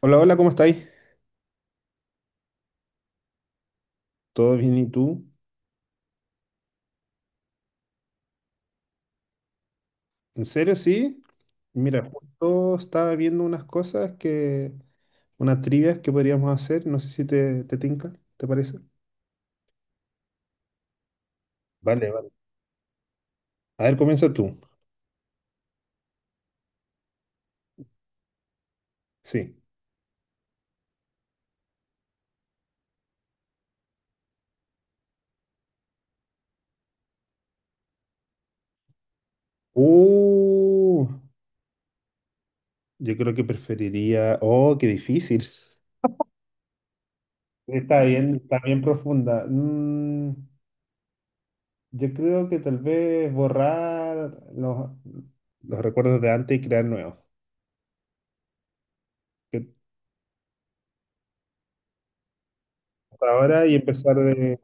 Hola, hola, ¿cómo estáis? ¿Todo bien y tú? ¿En serio, sí? Mira, justo estaba viendo unas cosas que, unas trivias que podríamos hacer, no sé si te tinca, ¿te parece? Vale. A ver, comienza tú. Sí. Uh, yo creo que preferiría. Oh, qué difícil. Está bien profunda. Yo creo que tal vez borrar los recuerdos de antes y crear nuevos. Que- Ahora y empezar de.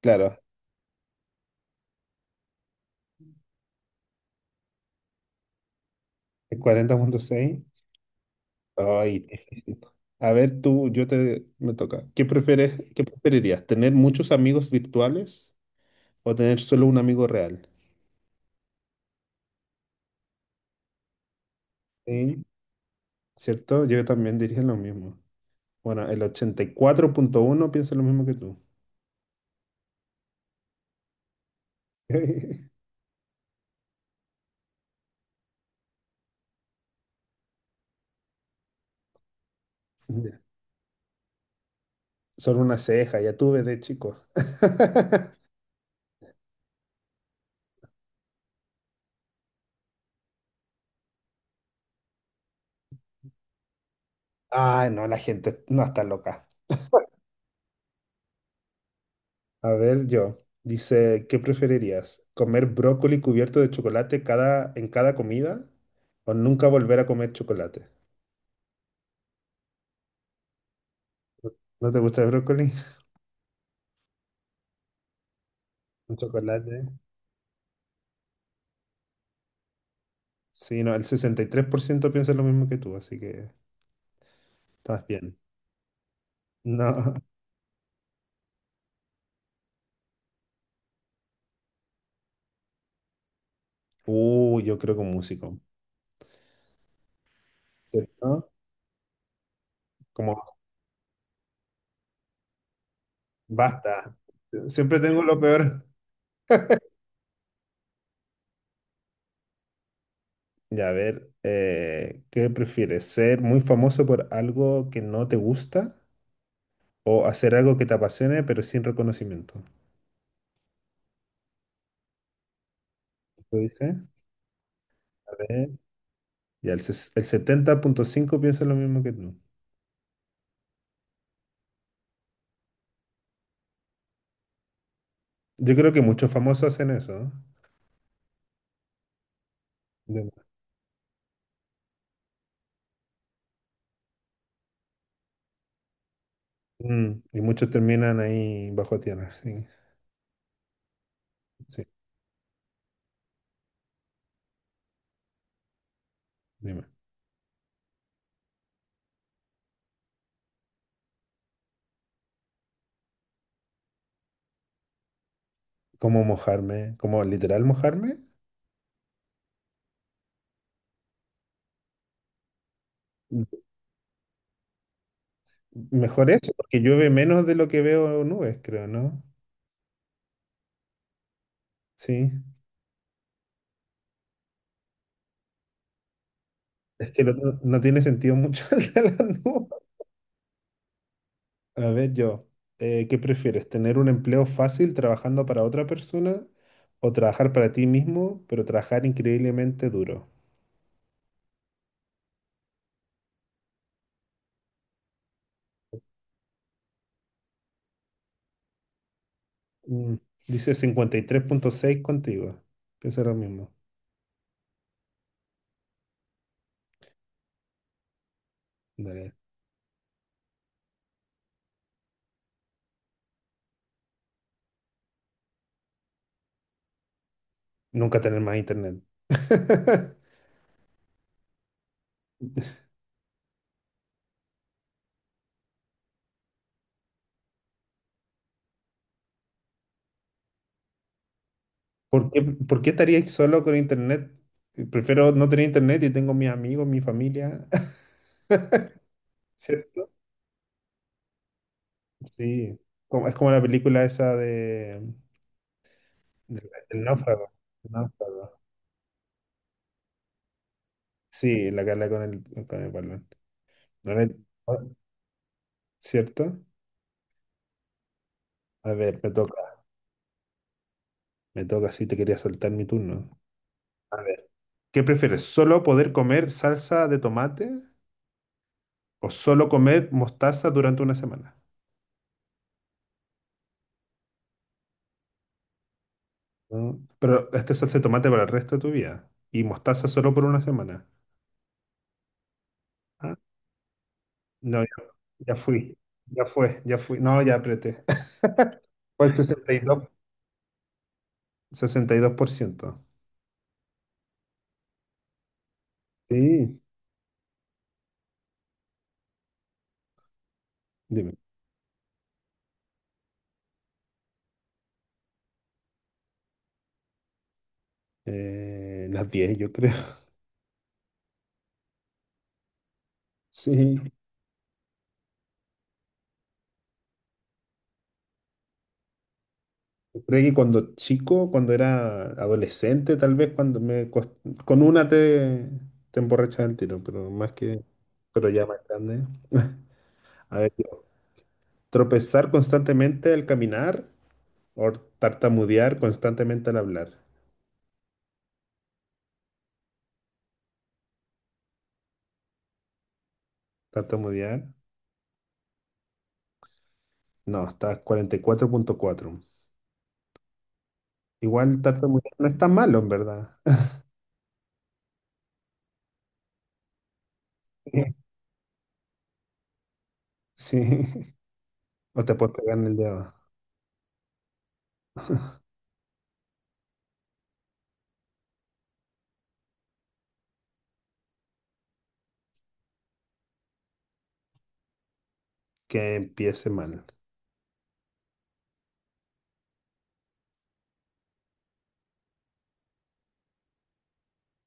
Claro, 40.6. Ay, te felicito. A ver, tú, me toca. Qué preferirías? ¿Tener muchos amigos virtuales o tener solo un amigo real? Sí, ¿cierto? Yo también diría lo mismo. Bueno, el 84.1 piensa lo mismo que tú. Ya. Solo una ceja, ya tuve de chico. ah, no, la gente no está loca. A ver, yo. Dice, ¿qué preferirías? ¿Comer brócoli cubierto de chocolate en cada comida? O nunca volver a comer chocolate. ¿No te gusta el brócoli? Un chocolate. Sí, no, el 63% piensa lo mismo que tú, así que estás bien. No. Yo creo que un músico. ¿Cierto? Como, basta. Siempre tengo lo peor. Ya, a ver, ¿qué prefieres? ¿Ser muy famoso por algo que no te gusta o hacer algo que te apasione pero sin reconocimiento? ¿Lo dices? A ver. Ya, el 70.5 piensa lo mismo que tú. Yo creo que muchos famosos hacen eso, ¿no? de- mm, y muchos terminan ahí bajo tierra. Sí, sí, dime. ¿Cómo mojarme? ¿Cómo literal mojarme? Mm, Mejor eso, porque llueve menos de lo que veo nubes, creo, ¿no? Sí. Es que el otro no tiene sentido mucho, el de las nubes. A ver, yo, ¿qué prefieres? ¿Tener un empleo fácil trabajando para otra persona o trabajar para ti mismo, pero trabajar increíblemente duro? Mm, Dice 53.6 contigo. Piensa lo mismo. Dale. Nunca tener más internet. Por qué estaríais solo con internet? Prefiero no tener internet y tengo mis amigos, mi familia. ¿Cierto? Sí. Es como la película esa de El náufrago. El náufrago. Sí, la cara con el balón. No le- ¿Cierto? A ver, me toca. Me toca, sí, te quería saltar mi turno. A ver, ¿qué prefieres? ¿Solo poder comer salsa de tomate o solo comer mostaza durante una semana? Pero esta es salsa de tomate para el resto de tu vida. Y mostaza solo por una semana. Ah, no, ya, ya fui. Ya fue, ya fui. No, ya apreté. Fue el sesenta y dos por ciento. Sí, dime. Las 10, yo creo. Sí. Yo creo que cuando chico, cuando era adolescente, tal vez con una te emborrachas del tiro, pero ya más grande. A ver, yo, tropezar constantemente al caminar or tartamudear constantemente al hablar. Tartamudear. No, está 44.4. Igual tartamudear no es tan malo, en verdad. Sí. O te puedes pegar en el dedo. Que empiece mal.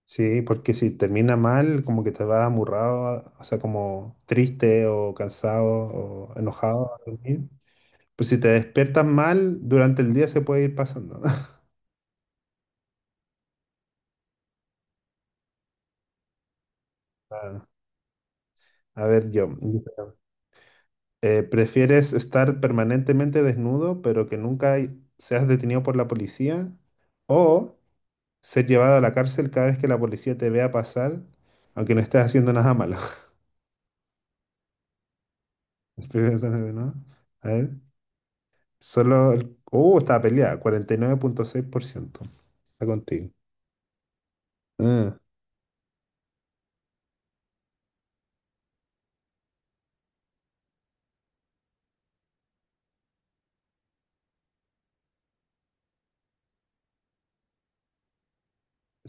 Sí, porque si termina mal, como que te vas amurrado, o sea, como triste o cansado o enojado a dormir. Pues si te despiertas mal, durante el día se puede ir pasando. Ah, a ver, yo. ¿Prefieres estar permanentemente desnudo, pero que nunca hay- seas detenido por la policía? ¿O ser llevado a la cárcel cada vez que la policía te vea pasar, aunque no estés haciendo nada malo? Espérate, ¿no? A ver, está peleada, 49.6%. Está contigo. Ah,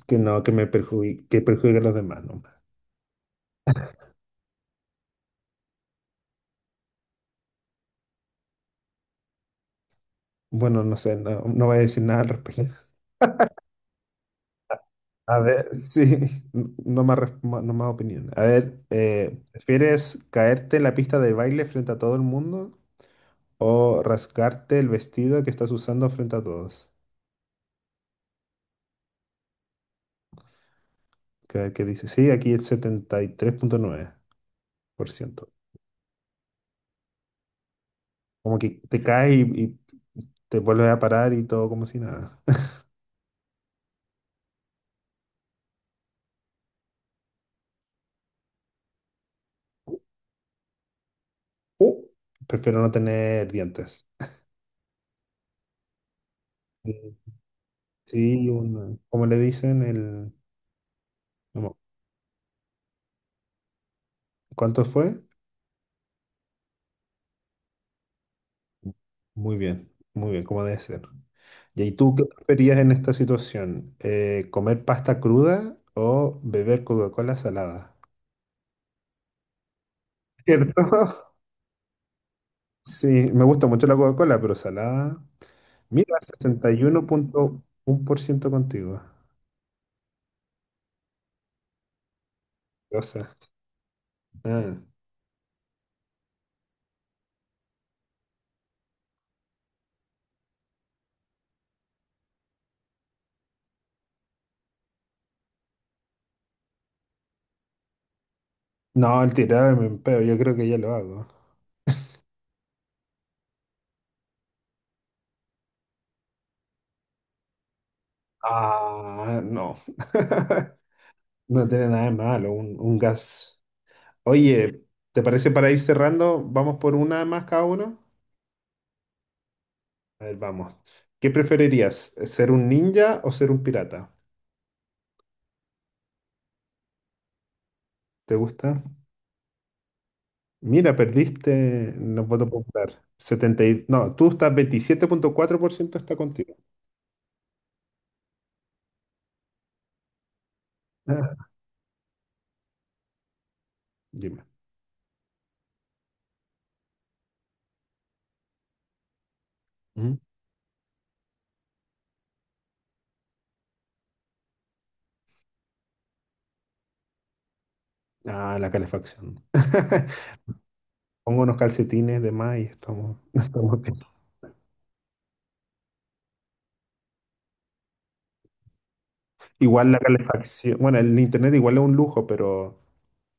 que no, que me perjudique, que perjudique a los demás, no. Bueno, no sé, no, no voy a decir nada al respecto. A ver, sí, no más opinión. A ver, ¿prefieres caerte en la pista de baile frente a todo el mundo o rasgarte el vestido que estás usando frente a todos? Que, a ver qué dice, sí, aquí el 73.9%. Como que te caes y te vuelves a parar y todo como si nada. Uh, Prefiero no tener dientes. Sí, sí, ¿cómo le dicen? El, ¿cómo? ¿Cuánto fue? Muy bien, como debe ser. ¿Y ahí tú qué preferías en esta situación? ¿Comer pasta cruda o beber Coca-Cola salada? ¿Cierto? Sí, me gusta mucho la Coca-Cola, pero salada. Mira, 61.1% contigo. Rosa. Ah. No, el tirarme en peo, yo creo que ya lo hago. Ah, no. No tiene nada de malo, un gas. Oye, ¿te parece para ir cerrando? ¿Vamos por una más cada uno? A ver, vamos. ¿Qué preferirías? ¿Ser un ninja o ser un pirata? ¿Te gusta? Mira, perdiste. No los popular. No, tú estás 27.4% está contigo. Ah, dime. Ujú. Ah, la calefacción. Pongo unos calcetines de más y estamos bien. Igual la calefacción. Bueno, el internet igual es un lujo, pero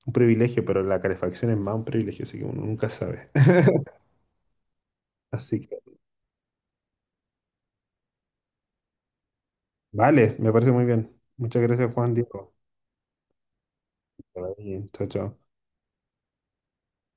un privilegio, pero la calefacción es más un privilegio, así que uno nunca sabe. Así que, vale, me parece muy bien. Muchas gracias, Juan Diego. Que vaya bien. Chao, chao.